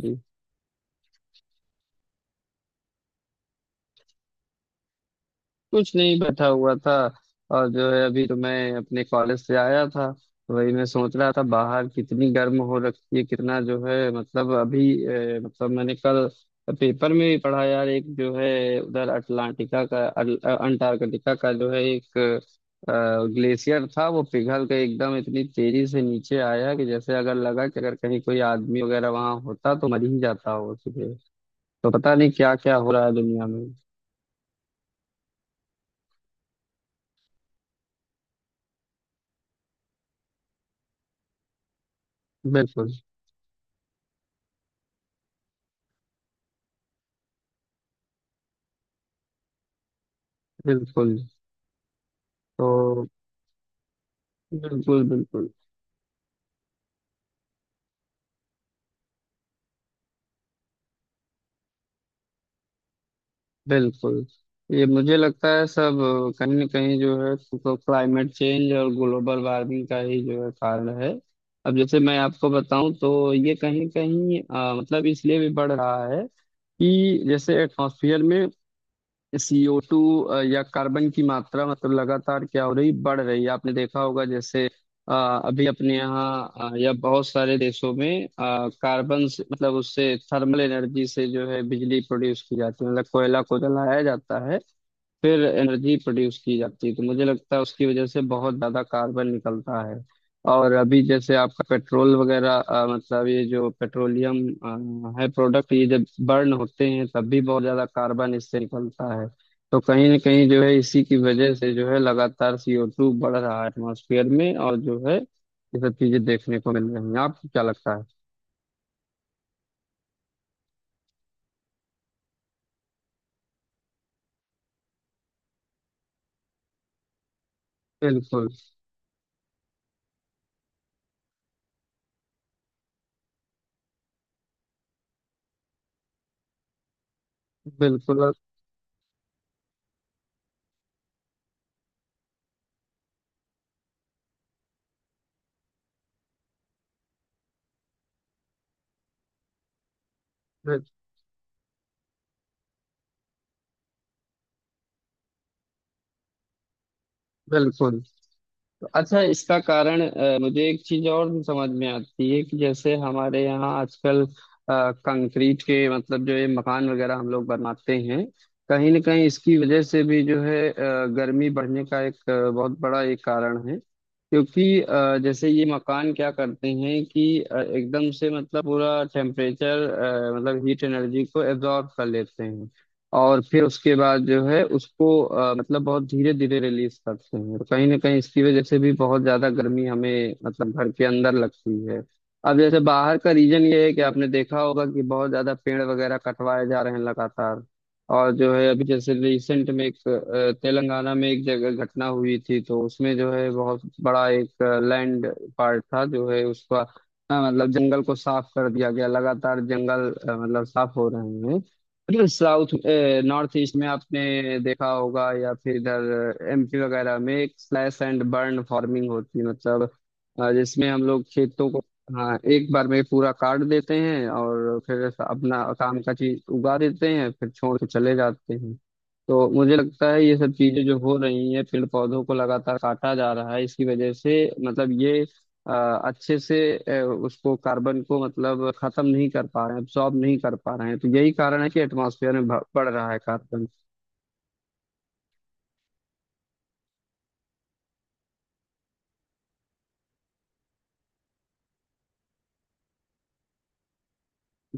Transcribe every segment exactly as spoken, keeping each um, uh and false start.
जी, कुछ नहीं बैठा हुआ था। और जो है अभी तो मैं अपने कॉलेज से आया था तो वही मैं सोच रहा था बाहर कितनी गर्म हो रखी है कितना जो है मतलब अभी अ, मतलब मैंने कल पेपर में भी पढ़ा यार एक जो है उधर अटलांटिका का अल- अ, अंटार्कटिका का जो है एक ग्लेशियर था वो पिघल के एकदम इतनी तेजी से नीचे आया कि जैसे अगर लगा कि अगर कहीं कोई आदमी वगैरह वहां होता तो मर ही जाता हो उसी पे। तो पता नहीं क्या क्या हो रहा है दुनिया में। बिल्कुल, बिल्कुल। तो बिल्कुल, बिल्कुल, बिल्कुल। ये मुझे लगता है सब कहीं ना कहीं जो है तो क्लाइमेट चेंज और ग्लोबल वार्मिंग का ही जो है कारण है। अब जैसे मैं आपको बताऊं तो ये कहीं कहीं अ, मतलब इसलिए भी बढ़ रहा है कि जैसे एटमॉस्फेयर में सी ओ टू या कार्बन की मात्रा मतलब लगातार क्या हो रही बढ़ रही है आपने देखा होगा जैसे अ, अभी अपने यहाँ अ, या बहुत सारे देशों में कार्बन से मतलब उससे थर्मल एनर्जी से जो है बिजली प्रोड्यूस की जाती है मतलब कोयला को जलाया जाता है। फिर एनर्जी प्रोड्यूस की जाती है तो मुझे लगता है उसकी वजह से बहुत ज्यादा कार्बन निकलता है। और अभी जैसे आपका पेट्रोल वगैरह अ, मतलब ये जो पेट्रोलियम अ, है प्रोडक्ट ये जब बर्न होते हैं तब भी बहुत ज्यादा कार्बन इससे निकलता है। तो कहीं ना कहीं जो है इसी की वजह से जो है लगातार सी ओ टू बढ़ रहा है एटमॉस्फेयर में और जो है ये सब चीजें देखने को मिल रही हैं आपको क्या लगता है? बिल्कुल, बिल्कुल, बिल्कुल। अच्छा इसका कारण अ, मुझे एक चीज और भी समझ में आती है कि जैसे हमारे यहाँ आजकल अ, कंक्रीट के मतलब जो ये मकान वगैरह हम लोग बनाते हैं कहीं ना कहीं इसकी वजह से भी जो है अ, गर्मी बढ़ने का एक अ, बहुत बड़ा एक कारण है क्योंकि अ, जैसे ये मकान क्या करते हैं कि अ, एकदम से मतलब पूरा टेम्परेचर मतलब हीट एनर्जी को एब्जॉर्ब कर लेते हैं। और फिर उसके बाद जो है उसको अ, मतलब बहुत धीरे धीरे रिलीज करते हैं और कहीं ना कहीं इसकी वजह से भी बहुत ज्यादा गर्मी हमें मतलब घर के अंदर लगती है। अब जैसे बाहर का रीजन ये है कि आपने देखा होगा कि बहुत ज्यादा पेड़ वगैरह कटवाए जा रहे हैं लगातार। और जो है अभी जैसे रिसेंट में एक अ, तेलंगाना में एक जगह घटना हुई थी तो उसमें जो है बहुत बड़ा एक लैंड पार्ट था जो है उसका अ, मतलब जंगल को साफ कर दिया गया लगातार जंगल अ, मतलब साफ हो रहे हैं। साउथ नॉर्थ ईस्ट में आपने देखा होगा या फिर इधर एम पी वगैरह में एक स्लैश एंड बर्न फार्मिंग होती है मतलब अ, जिसमें हम लोग खेतों को हाँ एक बार में पूरा काट देते हैं और फिर अपना काम का चीज उगा देते हैं फिर छोड़ के चले जाते हैं। तो मुझे लगता है ये सब चीजें जो हो रही हैं पेड़ पौधों को लगातार काटा जा रहा है इसकी वजह से मतलब ये अ, अच्छे से अ, उसको कार्बन को मतलब खत्म नहीं कर पा रहे हैं एब्सॉर्ब नहीं कर पा रहे हैं तो यही कारण है कि एटमॉस्फेयर में भ- बढ़ रहा है कार्बन।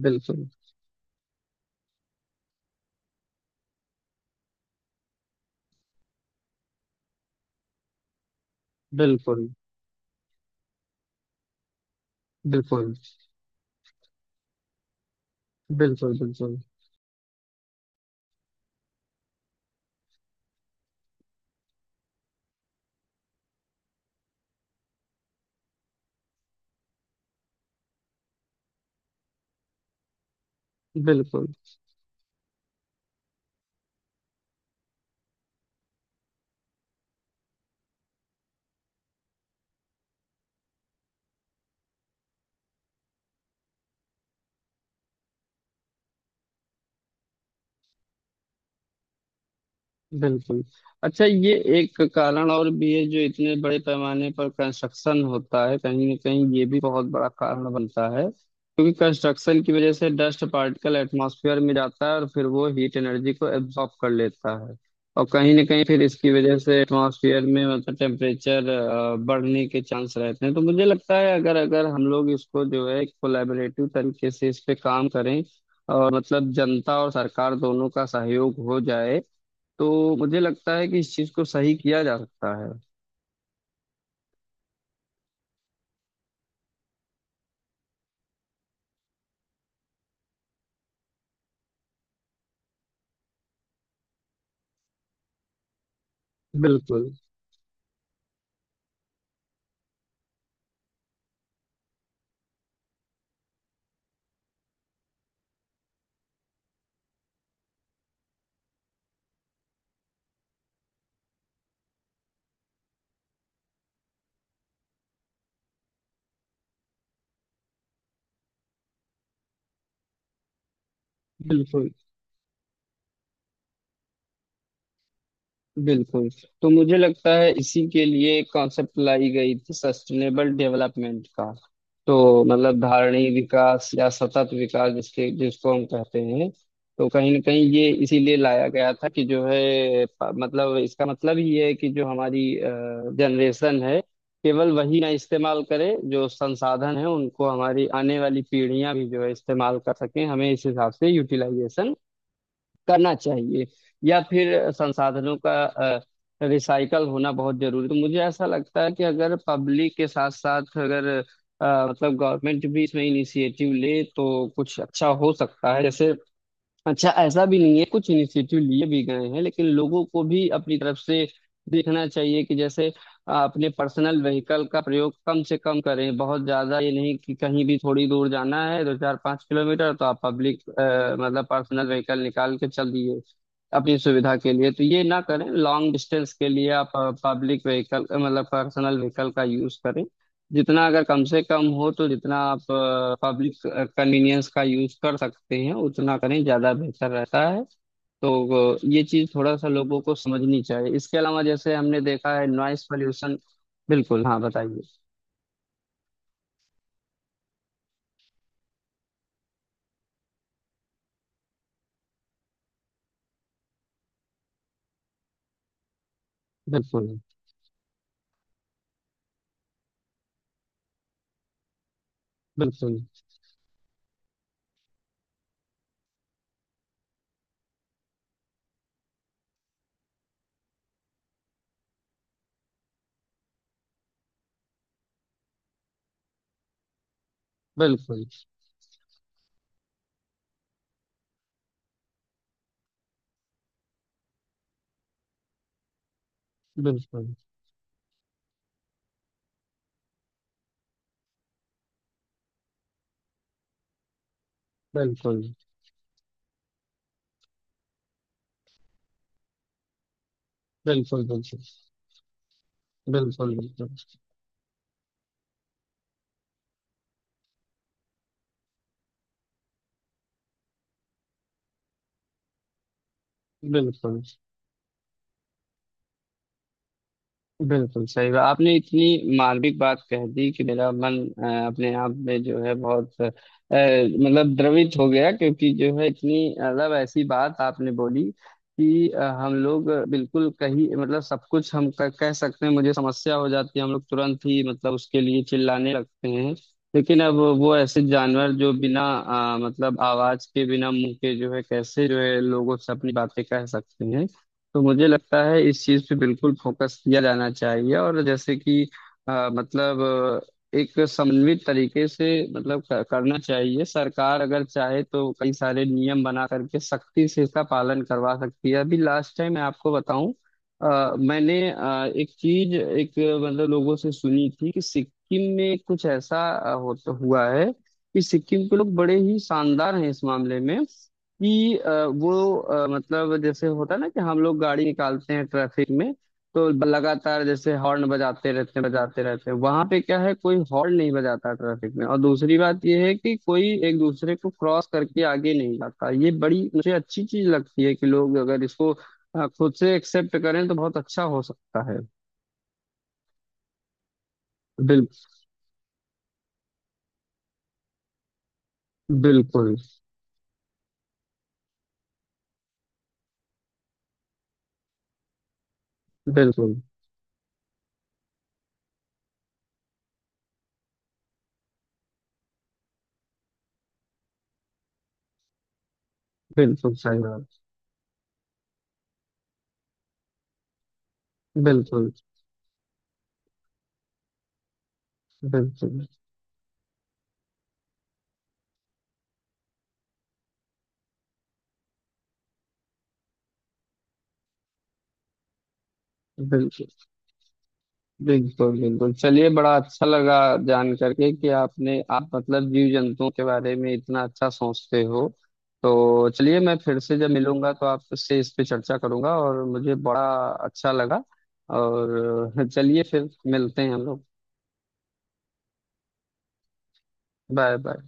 बिल्कुल, बिल्कुल, बिल्कुल, बिल्कुल, बिल्कुल, बिल्कुल, बिल्कुल। अच्छा ये एक कारण और भी है जो इतने बड़े पैमाने पर कंस्ट्रक्शन होता है कहीं ना कहीं ये भी बहुत बड़ा कारण बनता है क्योंकि कंस्ट्रक्शन की वजह से डस्ट पार्टिकल एटमॉस्फेयर में जाता है और फिर वो हीट एनर्जी को एब्जॉर्ब कर लेता है। और कहीं ना कहीं फिर इसकी वजह से एटमॉस्फेयर में मतलब टेम्परेचर बढ़ने के चांस रहते हैं तो मुझे लगता है अगर अगर हम लोग इसको जो है कोलैबोरेटिव तरीके से इस पे काम करें और मतलब जनता और सरकार दोनों का सहयोग हो जाए तो मुझे लगता है कि इस चीज को सही किया जा सकता है। बिल्कुल, बिल्कुल, बिल्कुल। तो मुझे लगता है इसी के लिए कॉन्सेप्ट लाई गई थी सस्टेनेबल डेवलपमेंट का। तो मतलब धारणीय विकास या सतत विकास जिसके जिसको हम कहते हैं। तो कहीं ना कहीं ये इसीलिए लाया गया था कि जो है प- मतलब इसका मतलब ये है कि जो हमारी जनरेशन है केवल वही ना इस्तेमाल करे जो संसाधन है उनको हमारी आने वाली पीढ़ियां भी जो है इस्तेमाल कर सकें हमें इस हिसाब से यूटिलाइजेशन करना चाहिए या फिर संसाधनों का रिसाइकल होना बहुत जरूरी। तो मुझे ऐसा लगता है कि अगर पब्लिक के साथ साथ अगर अ, मतलब गवर्नमेंट भी इसमें इनिशिएटिव ले तो कुछ अच्छा हो सकता है जैसे। अच्छा ऐसा भी नहीं है कुछ इनिशिएटिव लिए भी गए हैं लेकिन लोगों को भी अपनी तरफ से देखना चाहिए कि जैसे आ, अपने पर्सनल व्हीकल का प्रयोग कम से कम करें बहुत ज्यादा ये नहीं कि कहीं भी थोड़ी दूर जाना है दो चार पाँच किलोमीटर तो आप पब्लिक मतलब पर्सनल व्हीकल निकाल के चल दिए अपनी सुविधा के लिए तो ये ना करें लॉन्ग डिस्टेंस के लिए आप पब्लिक व्हीकल मतलब पर्सनल व्हीकल का यूज करें जितना अगर कम से कम हो तो जितना आप पब्लिक कन्वीनियंस का यूज कर सकते हैं उतना करें ज़्यादा बेहतर रहता है। तो अ, ये चीज़ थोड़ा सा लोगों को समझनी चाहिए इसके अलावा जैसे हमने देखा है नॉइस पॉल्यूशन। बिल्कुल, हाँ, बताइए। बिल्कुल, बिल्कुल, बिल्कुल, बिल्कुल, बिल्कुल, बिल्कुल, बिल्कुल, बिल्कुल, बिल्कुल, बिल्कुल। बिल्कुल सही बात आपने इतनी मार्मिक बात कह दी कि मेरा मन अ, अपने आप में जो है बहुत अ, मतलब द्रवित हो गया क्योंकि जो है इतनी मतलब ऐसी बात आपने बोली कि अ, हम लोग बिल्कुल कहीं मतलब सब कुछ हम क- कह सकते हैं मुझे समस्या हो जाती है हम लोग तुरंत ही मतलब उसके लिए चिल्लाने लगते हैं। लेकिन अब वो ऐसे जानवर जो बिना अ, मतलब आवाज के बिना मुंह के जो है कैसे जो है लोगों से अपनी बातें कह सकते हैं। तो मुझे लगता है इस चीज पे बिल्कुल फोकस किया जाना चाहिए और जैसे कि अ, मतलब अ, एक समन्वित तरीके से मतलब क- करना चाहिए सरकार अगर चाहे तो कई सारे नियम बना करके सख्ती से इसका पालन करवा सकती है अभी लास्ट टाइम मैं आपको बताऊं अ, मैंने अ, एक चीज एक अ, मतलब लोगों से सुनी थी कि सिक्किम में कुछ ऐसा अ, होता हुआ है कि सिक्किम के लोग बड़े ही शानदार हैं इस मामले में कि अ, वो अ, मतलब जैसे होता है ना कि हम लोग गाड़ी निकालते हैं ट्रैफिक में तो लगातार जैसे हॉर्न बजाते रहते हैं बजाते रहते हैं वहां पे क्या है कोई हॉर्न नहीं बजाता ट्रैफिक में और दूसरी बात ये है कि कोई एक दूसरे को क्रॉस करके आगे नहीं जाता ये बड़ी मुझे अच्छी चीज लगती है कि लोग अगर इसको अ, खुद से एक्सेप्ट करें तो बहुत अच्छा हो सकता है। बिल, बिल्कुल, बिल्कुल, बिल्कुल सही बात। बिल्कुल, बिल्कुल, बिल्कुल, बिल्कुल, बिल्कुल। चलिए बड़ा अच्छा लगा जान करके कि आपने आप मतलब जीव जंतुओं के बारे में इतना अच्छा सोचते हो। तो चलिए मैं फिर से जब मिलूंगा तो आपसे इस पे चर्चा करूंगा और मुझे बड़ा अच्छा लगा। और चलिए फिर मिलते हैं हम लोग। Bye bye.